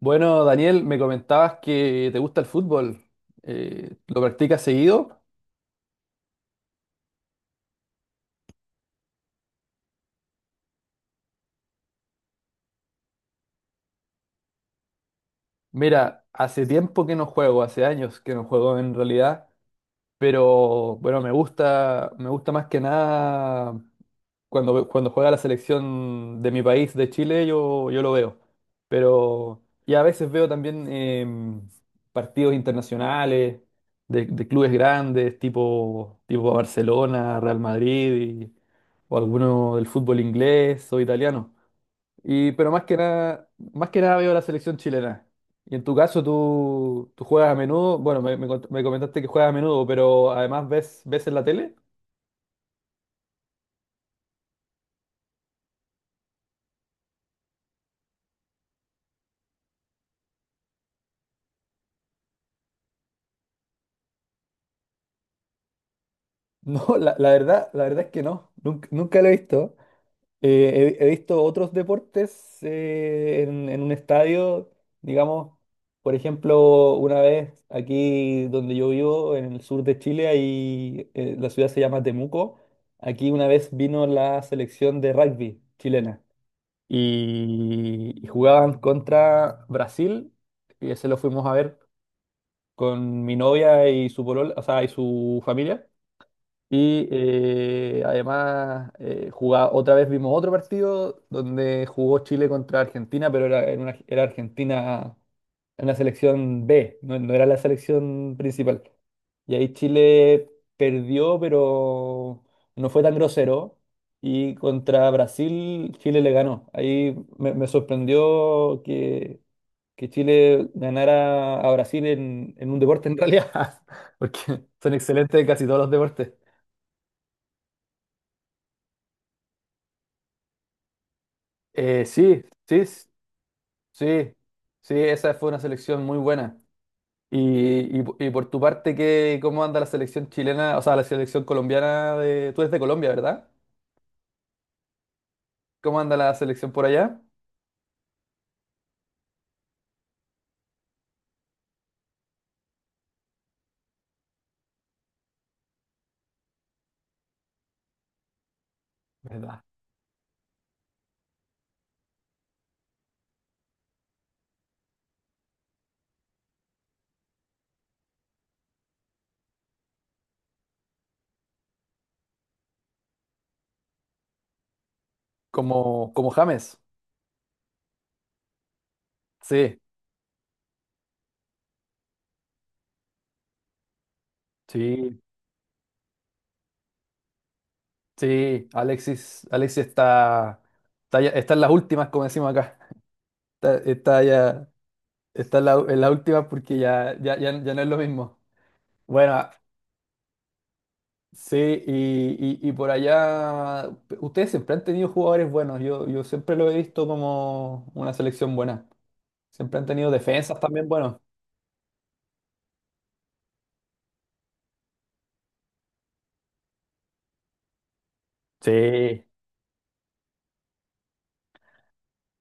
Bueno, Daniel, me comentabas que te gusta el fútbol. ¿Lo practicas seguido? Mira, hace tiempo que no juego, hace años que no juego en realidad, pero bueno, me gusta más que nada cuando juega la selección de mi país, de Chile, yo lo veo. Pero, y a veces veo también partidos internacionales de clubes grandes, tipo Barcelona, Real Madrid, o alguno del fútbol inglés o italiano. Y, pero más que nada veo la selección chilena. Y en tu caso, tú juegas a menudo, bueno, me comentaste que juegas a menudo, pero además ves, ves en la tele. No, la verdad es que no, nunca, nunca lo he visto. He visto otros deportes en un estadio, digamos, por ejemplo, una vez aquí donde yo vivo, en el sur de Chile, ahí, la ciudad se llama Temuco. Aquí una vez vino la selección de rugby chilena y jugaban contra Brasil y ese lo fuimos a ver con mi novia y su polola, o sea, y su familia. Además, otra vez vimos otro partido donde jugó Chile contra Argentina, pero era, en una- era Argentina en la selección B, no, no era la selección principal. Y ahí Chile perdió, pero no fue tan grosero. Y contra Brasil, Chile le ganó. Ahí me sorprendió que Chile ganara a Brasil en un deporte en realidad, porque son excelentes en casi todos los deportes. Sí, sí, sí, sí, esa fue una selección muy buena. Y por tu parte, ¿qué, cómo anda la selección chilena, o sea, la selección colombiana de... Tú eres de Colombia, ¿verdad? ¿Cómo anda la selección por allá? ¿Verdad? Como, como James. Sí, sí, sí. Alexis, Alexis está, está en las últimas, como decimos acá. Está, está ya, en las últimas porque ya, ya, ya, ya no es lo mismo. Bueno, sí, y por allá, ustedes siempre han tenido jugadores buenos, yo siempre lo he visto como una selección buena, siempre han tenido defensas también buenos. Sí,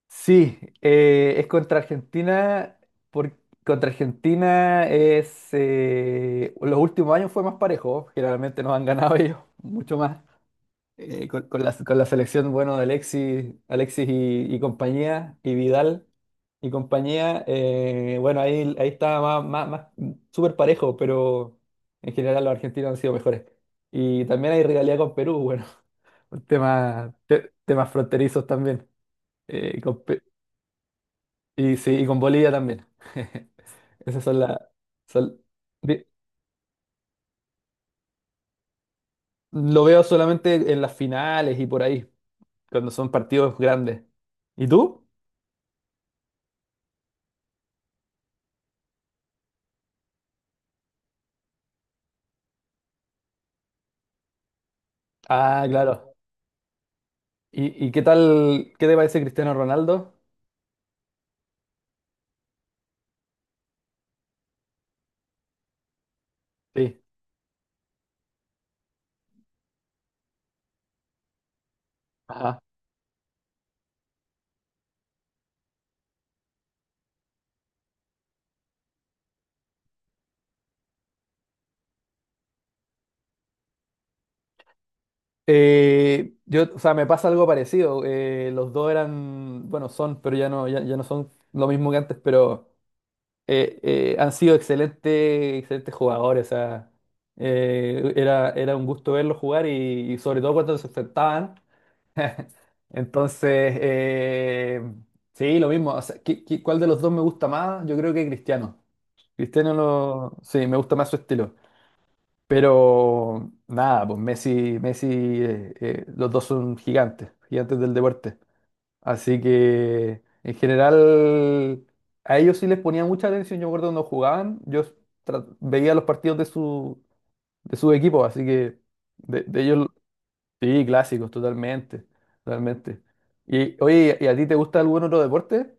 sí, es contra Argentina, por, contra Argentina es, los últimos años fue más parejo, generalmente nos han ganado ellos mucho más, con la selección, bueno, de Alexis, y compañía, y Vidal y compañía, bueno, ahí, ahí estaba más, más, más súper parejo, pero en general los argentinos han sido mejores. Y también hay rivalidad con Perú, bueno, por temas, temas fronterizos también, eh, y, con, Pe- y sí, y con Bolivia también. Esas son las... son- vi- lo veo solamente en las finales y por ahí, cuando son partidos grandes. ¿Y tú? Ah, claro. Y qué tal, qué te parece Cristiano Ronaldo? Sí, ajá. Yo, o sea, me pasa algo parecido. Los dos eran, bueno, son, pero ya no, ya, ya no son lo mismo que antes, pero han sido excelentes, excelentes jugadores. O sea, era, era un gusto verlos jugar y sobre todo cuando se enfrentaban. Entonces, sí, lo mismo. O sea, cuál de los dos me gusta más? Yo creo que Cristiano. Cristiano lo, sí, me gusta más su estilo. Pero nada, pues Messi, Messi, los dos son gigantes, gigantes del deporte. Así que en general a ellos sí les ponía mucha atención. Yo recuerdo cuando jugaban, yo veía los partidos de su equipo, así que de ellos sí, clásicos, totalmente, totalmente. Y oye, ¿y a ti te gusta algún otro deporte?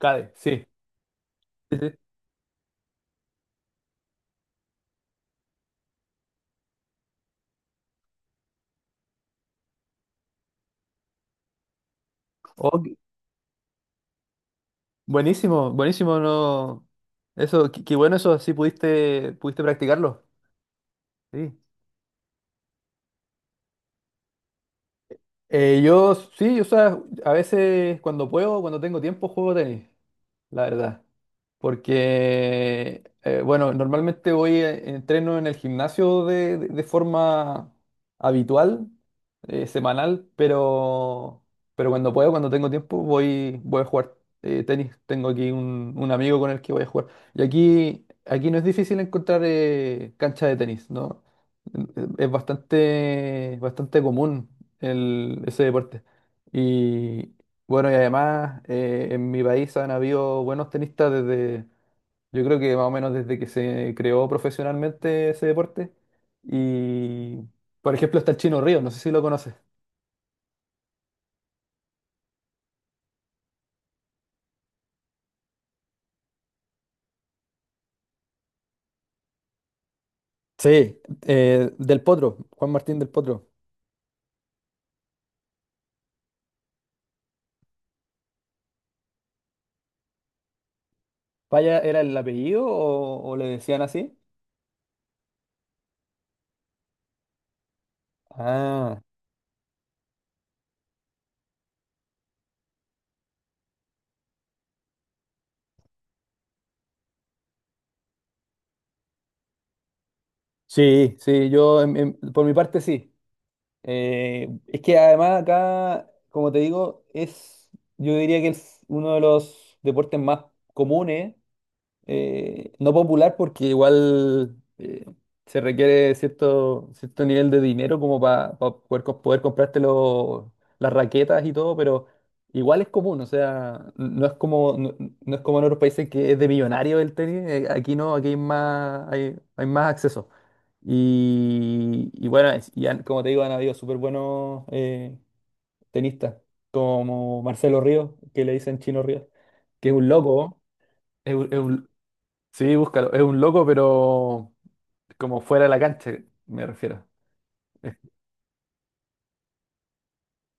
Cade, sí. Sí, sí. Oh, qué- buenísimo, buenísimo, no. Eso, qué, qué bueno eso, sí pudiste, pudiste practicarlo. Sí. Yo sí, o sea, a veces cuando puedo, cuando tengo tiempo, juego tenis, la verdad. Porque, bueno, normalmente voy, entreno en el gimnasio de forma habitual, semanal, pero cuando puedo, cuando tengo tiempo, voy, voy a jugar tenis. Tengo aquí un amigo con el que voy a jugar. Y aquí, aquí no es difícil encontrar cancha de tenis, ¿no? Es bastante, bastante común. El, ese deporte. Y bueno, y además en mi país han habido buenos tenistas desde, yo creo que más o menos desde que se creó profesionalmente ese deporte. Y por ejemplo está el Chino Ríos, no sé si lo conoces. Sí, del Potro, Juan Martín del Potro. ¿Paya era el apellido o le decían así? Ah, sí, sí, por mi parte sí. Es que además acá, como te digo, es, yo diría que es uno de los deportes más comunes no popular porque igual se requiere cierto, cierto nivel de dinero como para poder, poder comprarte las raquetas y todo, pero igual es común, o sea, no es como, no, no es como en otros países que es de millonario el tenis, aquí no, aquí hay más, hay más acceso. Y bueno, como te digo, han habido súper buenos tenistas, como Marcelo Ríos, que le dicen Chino Ríos, que es un loco, es es un- Sí, búscalo. Es un loco, pero como fuera de la cancha, me refiero.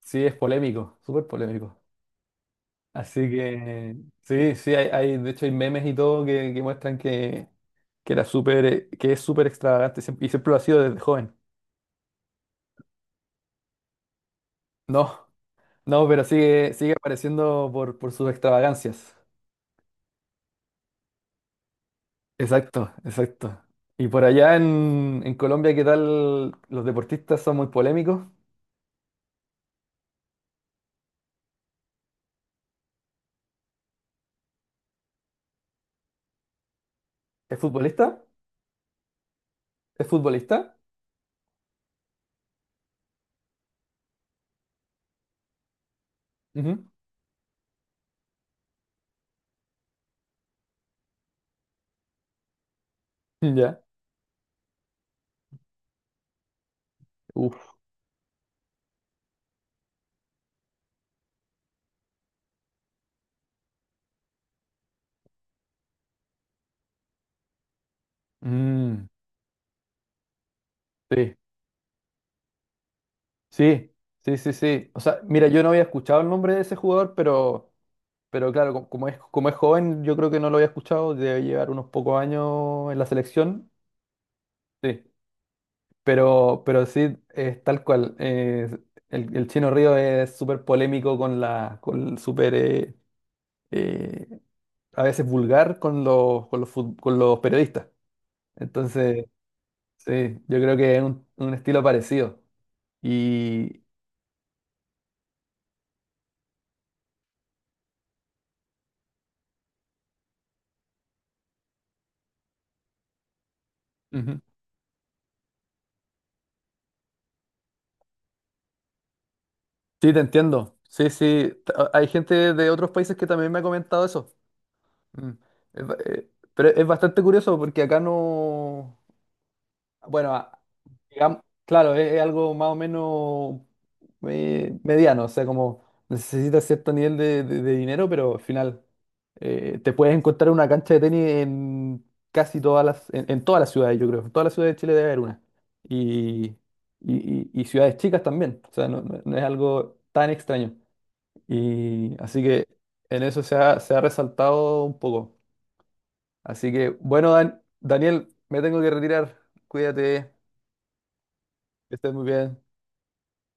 Sí, es polémico, súper polémico. Así que sí, sí, de hecho hay memes y todo que muestran que era súper, que es súper extravagante siempre- y siempre lo ha sido desde joven. No, no, pero sigue, sigue apareciendo por sus extravagancias. Exacto, exacto. Y por allá en Colombia, ¿qué tal? Los deportistas son muy polémicos. ¿Es futbolista? ¿Es futbolista? Ujú. Ya. Uf. Mm. Sí, sí, sí, sí, sí. O sea, mira, yo no había escuchado el nombre de ese jugador, pero claro, como es joven, yo creo que no lo había escuchado, debe llevar unos pocos años en la selección. Sí. Pero sí, es tal cual. El Chino Río es súper polémico con la, con súper, eh, a veces vulgar con los, con los periodistas. Entonces, sí, yo creo que es un estilo parecido. Y, sí, te entiendo. Sí, sí. T- a- Hay gente de otros países que también me ha comentado eso. Mm. Pero es bastante curioso porque acá no... Bueno, a- digamos, claro, es algo más o menos mediano, o sea, como necesitas cierto nivel de dinero, pero al final te puedes encontrar una cancha de tenis en casi todas las, en todas las ciudades, yo creo. En todas las ciudades de Chile debe haber una. Y, y, y ciudades chicas también. O sea, no es algo tan extraño. Y así que en eso se ha resaltado un poco. Así que, bueno, Daniel, me tengo que retirar. Cuídate, que estés muy bien.